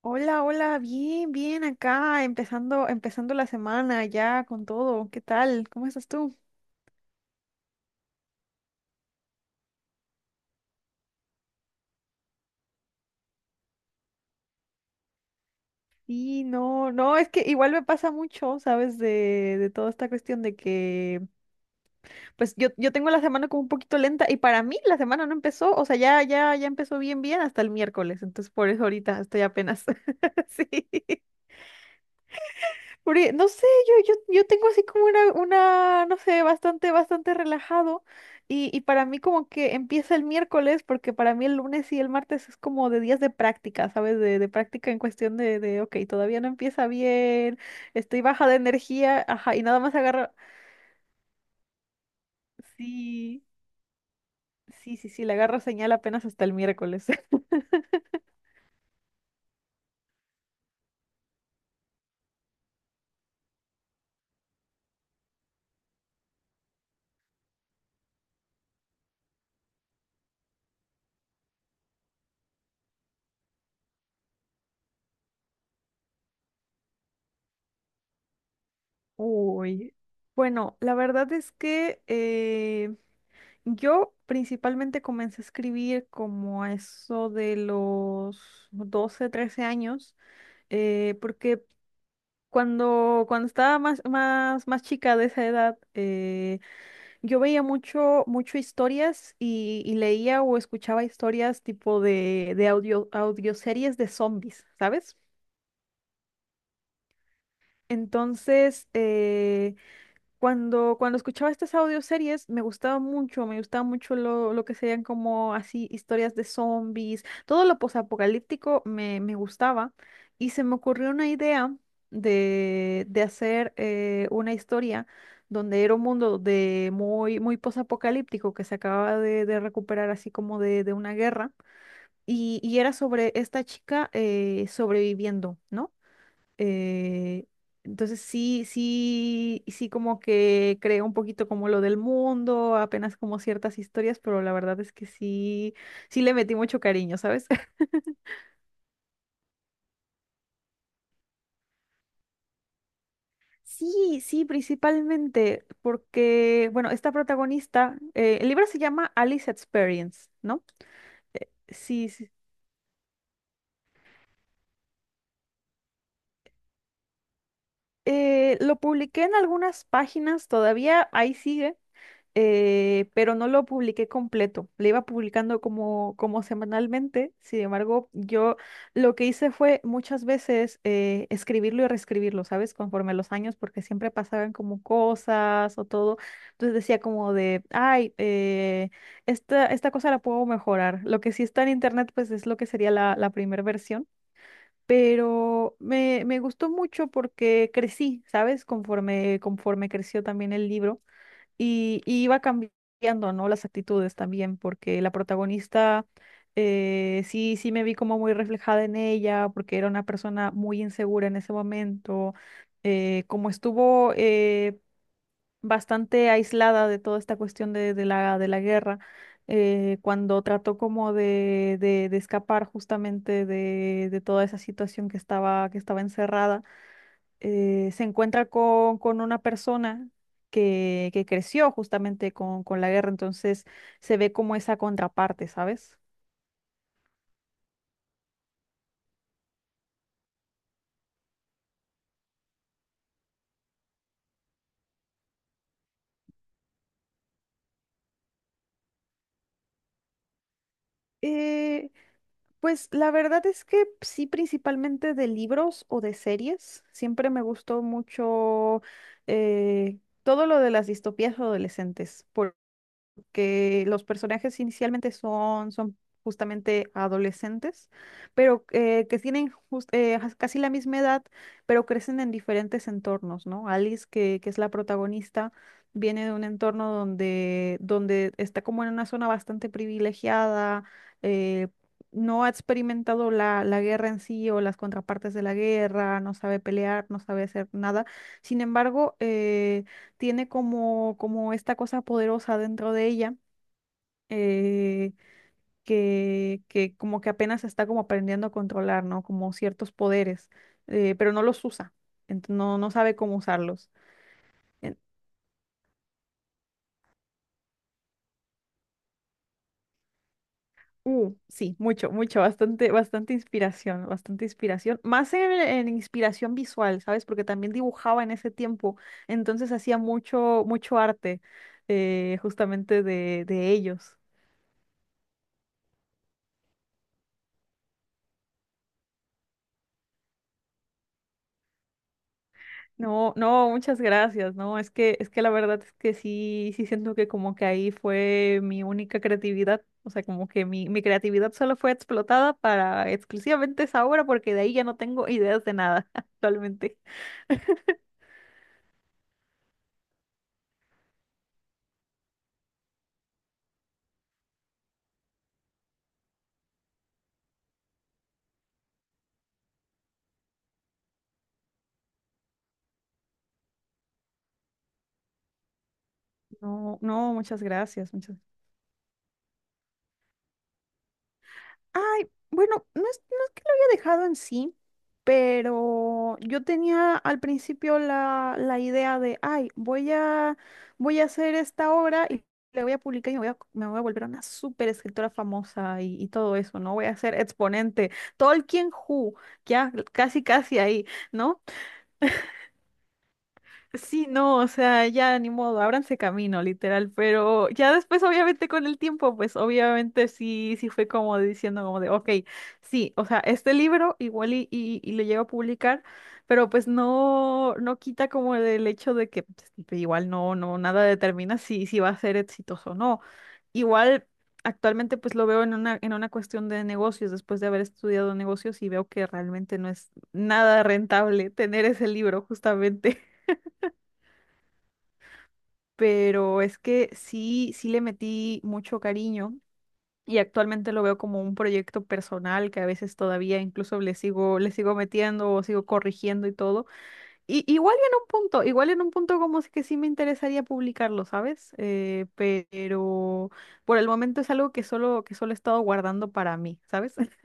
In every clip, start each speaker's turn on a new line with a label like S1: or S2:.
S1: Hola, hola, bien, bien acá, empezando la semana ya con todo. ¿Qué tal? ¿Cómo estás tú? Sí, no, no, es que igual me pasa mucho, ¿sabes? De toda esta cuestión de que, pues yo tengo la semana como un poquito lenta y para mí la semana no empezó, o sea, ya, ya, ya empezó bien, bien hasta el miércoles, entonces por eso ahorita estoy apenas, sí. Porque, no sé, yo tengo así como una, no sé, bastante, bastante relajado. Y para mí como que empieza el miércoles, porque para mí el lunes y el martes es como de días de práctica, ¿sabes? De práctica en cuestión de, ok, todavía no empieza bien, estoy baja de energía, ajá, y nada más agarro, sí, sí, sí, sí, le agarro señal apenas hasta el miércoles. Uy. Bueno, la verdad es que yo principalmente comencé a escribir como a eso de los 12 13 años, porque cuando estaba más chica de esa edad, yo veía mucho, mucho historias y leía o escuchaba historias tipo de audioseries de zombies, ¿sabes? Entonces, cuando escuchaba estas audioseries me gustaba mucho lo que serían como así historias de zombies, todo lo posapocalíptico me gustaba y se me ocurrió una idea de hacer una historia donde era un mundo de muy, muy posapocalíptico que se acababa de recuperar así como de una guerra y era sobre esta chica sobreviviendo, ¿no? Eh, entonces sí, sí, sí como que creo un poquito como lo del mundo, apenas como ciertas historias, pero la verdad es que sí, sí le metí mucho cariño, ¿sabes? Sí, sí, principalmente porque, bueno, esta protagonista, el libro se llama Alice Experience, ¿no? Sí, sí. Lo publiqué en algunas páginas, todavía ahí sigue. Pero no lo publiqué completo. Le iba publicando como semanalmente. Sin embargo, yo lo que hice fue muchas veces escribirlo y reescribirlo, ¿sabes? Conforme a los años, porque siempre pasaban como cosas o todo. Entonces decía como de, ay, esta cosa la puedo mejorar. Lo que sí está en internet, pues es lo que sería la primera versión. Pero me gustó mucho porque crecí, ¿sabes? Conforme creció también el libro. Y iba cambiando, ¿no? Las actitudes también, porque la protagonista, sí, sí me vi como muy reflejada en ella, porque era una persona muy insegura en ese momento, como estuvo bastante aislada de toda esta cuestión de la guerra, cuando trató como de escapar justamente de toda esa situación que estaba encerrada, se encuentra con una persona que creció justamente con la guerra, entonces se ve como esa contraparte, ¿sabes? Eh, pues la verdad es que sí, principalmente de libros o de series. Siempre me gustó mucho todo lo de las distopías adolescentes. Porque los personajes inicialmente son justamente adolescentes, pero que tienen casi la misma edad, pero crecen en diferentes entornos, ¿no? Alice, que es la protagonista, viene de un entorno donde está como en una zona bastante privilegiada, eh, no ha experimentado la guerra en sí o las contrapartes de la guerra, no sabe pelear, no sabe hacer nada. Sin embargo, tiene como esta cosa poderosa dentro de ella, eh, que como que apenas está como aprendiendo a controlar, ¿no? Como ciertos poderes, pero no los usa, no, no sabe cómo usarlos. En- sí, mucho, mucho, bastante, bastante inspiración, más en inspiración visual, ¿sabes? Porque también dibujaba en ese tiempo, entonces hacía mucho, mucho arte justamente de ellos. No, no, muchas gracias. No, es que la verdad es que sí, sí siento que como que ahí fue mi única creatividad. O sea, como que mi creatividad solo fue explotada para exclusivamente esa obra, porque de ahí ya no tengo ideas de nada actualmente. No, no, muchas gracias, muchas. Ay, bueno, no es que lo había dejado en sí, pero yo tenía al principio la idea de, ay, voy a hacer esta obra y la voy a publicar y me voy a volver una súper escritora famosa y todo eso, ¿no? Voy a ser exponente. Tolkien Who, ya casi casi ahí, ¿no? Sí, no, o sea, ya ni modo, ábranse camino, literal, pero ya después, obviamente, con el tiempo, pues obviamente sí, sí fue como diciendo como de, ok, sí, o sea, este libro igual y lo llego a publicar, pero pues no, no quita como el hecho de que pues, igual no, no, nada determina si va a ser exitoso o no. Igual actualmente pues lo veo en una cuestión de negocios, después de haber estudiado negocios y veo que realmente no es nada rentable tener ese libro justamente, pero es que sí, sí le metí mucho cariño y actualmente lo veo como un proyecto personal que a veces todavía incluso le sigo metiendo o sigo corrigiendo y todo. Y igual y en un punto, igual en un punto como es que sí me interesaría publicarlo, ¿sabes? Pero por el momento es algo que solo he estado guardando para mí, ¿sabes?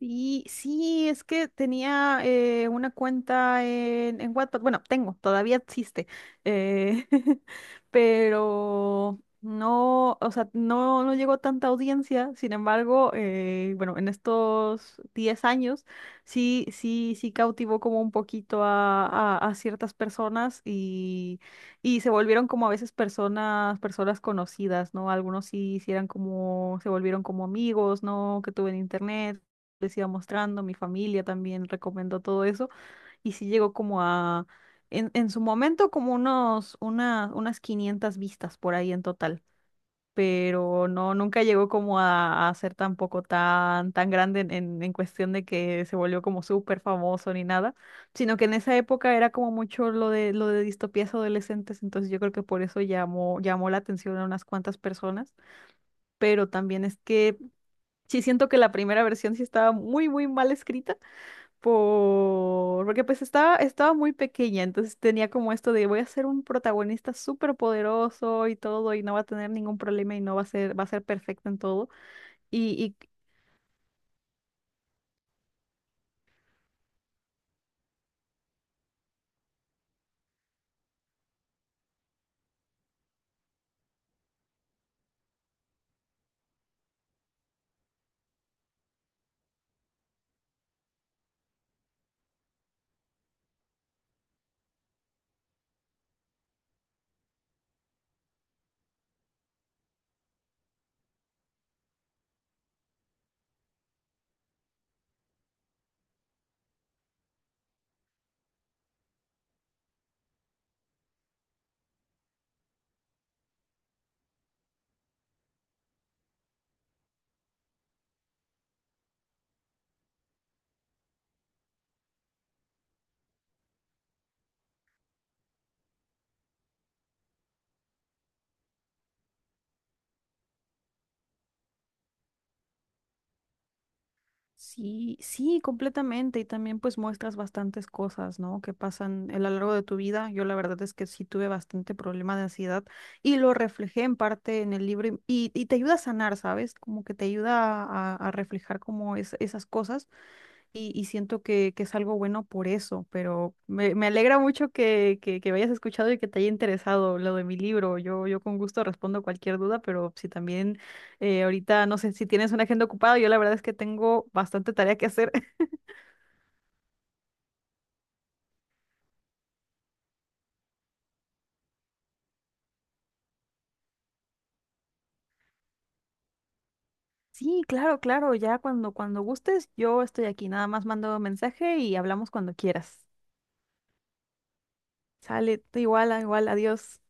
S1: Sí, sí, es que tenía una cuenta en Wattpad, bueno, tengo, todavía existe, eh, pero no, o sea, no, no llegó tanta audiencia. Sin embargo, bueno, en estos 10 años sí, sí, sí cautivó como un poquito a ciertas personas y se volvieron como a veces personas, personas conocidas, ¿no? Algunos sí, sí eran como, se volvieron como amigos, ¿no? Que tuve en internet, les iba mostrando, mi familia también recomendó todo eso y sí llegó como a, en su momento como unas 500 vistas por ahí en total, pero no, nunca llegó como a ser tampoco tan, tan grande en cuestión de que se volvió como súper famoso ni nada, sino que en esa época era como mucho lo de distopías adolescentes, entonces yo creo que por eso llamó la atención a unas cuantas personas, pero también es que... Sí, siento que la primera versión sí estaba muy, muy mal escrita porque pues estaba muy pequeña, entonces tenía como esto de voy a ser un protagonista súper poderoso y todo, y no va a tener ningún problema y no va a ser, va a ser perfecto en todo. Y sí, sí, completamente. Y también pues muestras bastantes cosas, ¿no? Que pasan a lo largo de tu vida. Yo la verdad es que sí tuve bastante problema de ansiedad y lo reflejé en parte en el libro y te ayuda a sanar, ¿sabes? Como que te ayuda a reflejar como esas cosas. Y siento que es algo bueno por eso, pero me alegra mucho que me hayas escuchado y que te haya interesado lo de mi libro. Yo con gusto respondo cualquier duda, pero si también, ahorita, no sé, si tienes una agenda ocupada, yo la verdad es que tengo bastante tarea que hacer. Sí, claro, claro, ya cuando gustes, yo estoy aquí, nada más mando mensaje y hablamos cuando quieras. Sale, igual, igual, adiós.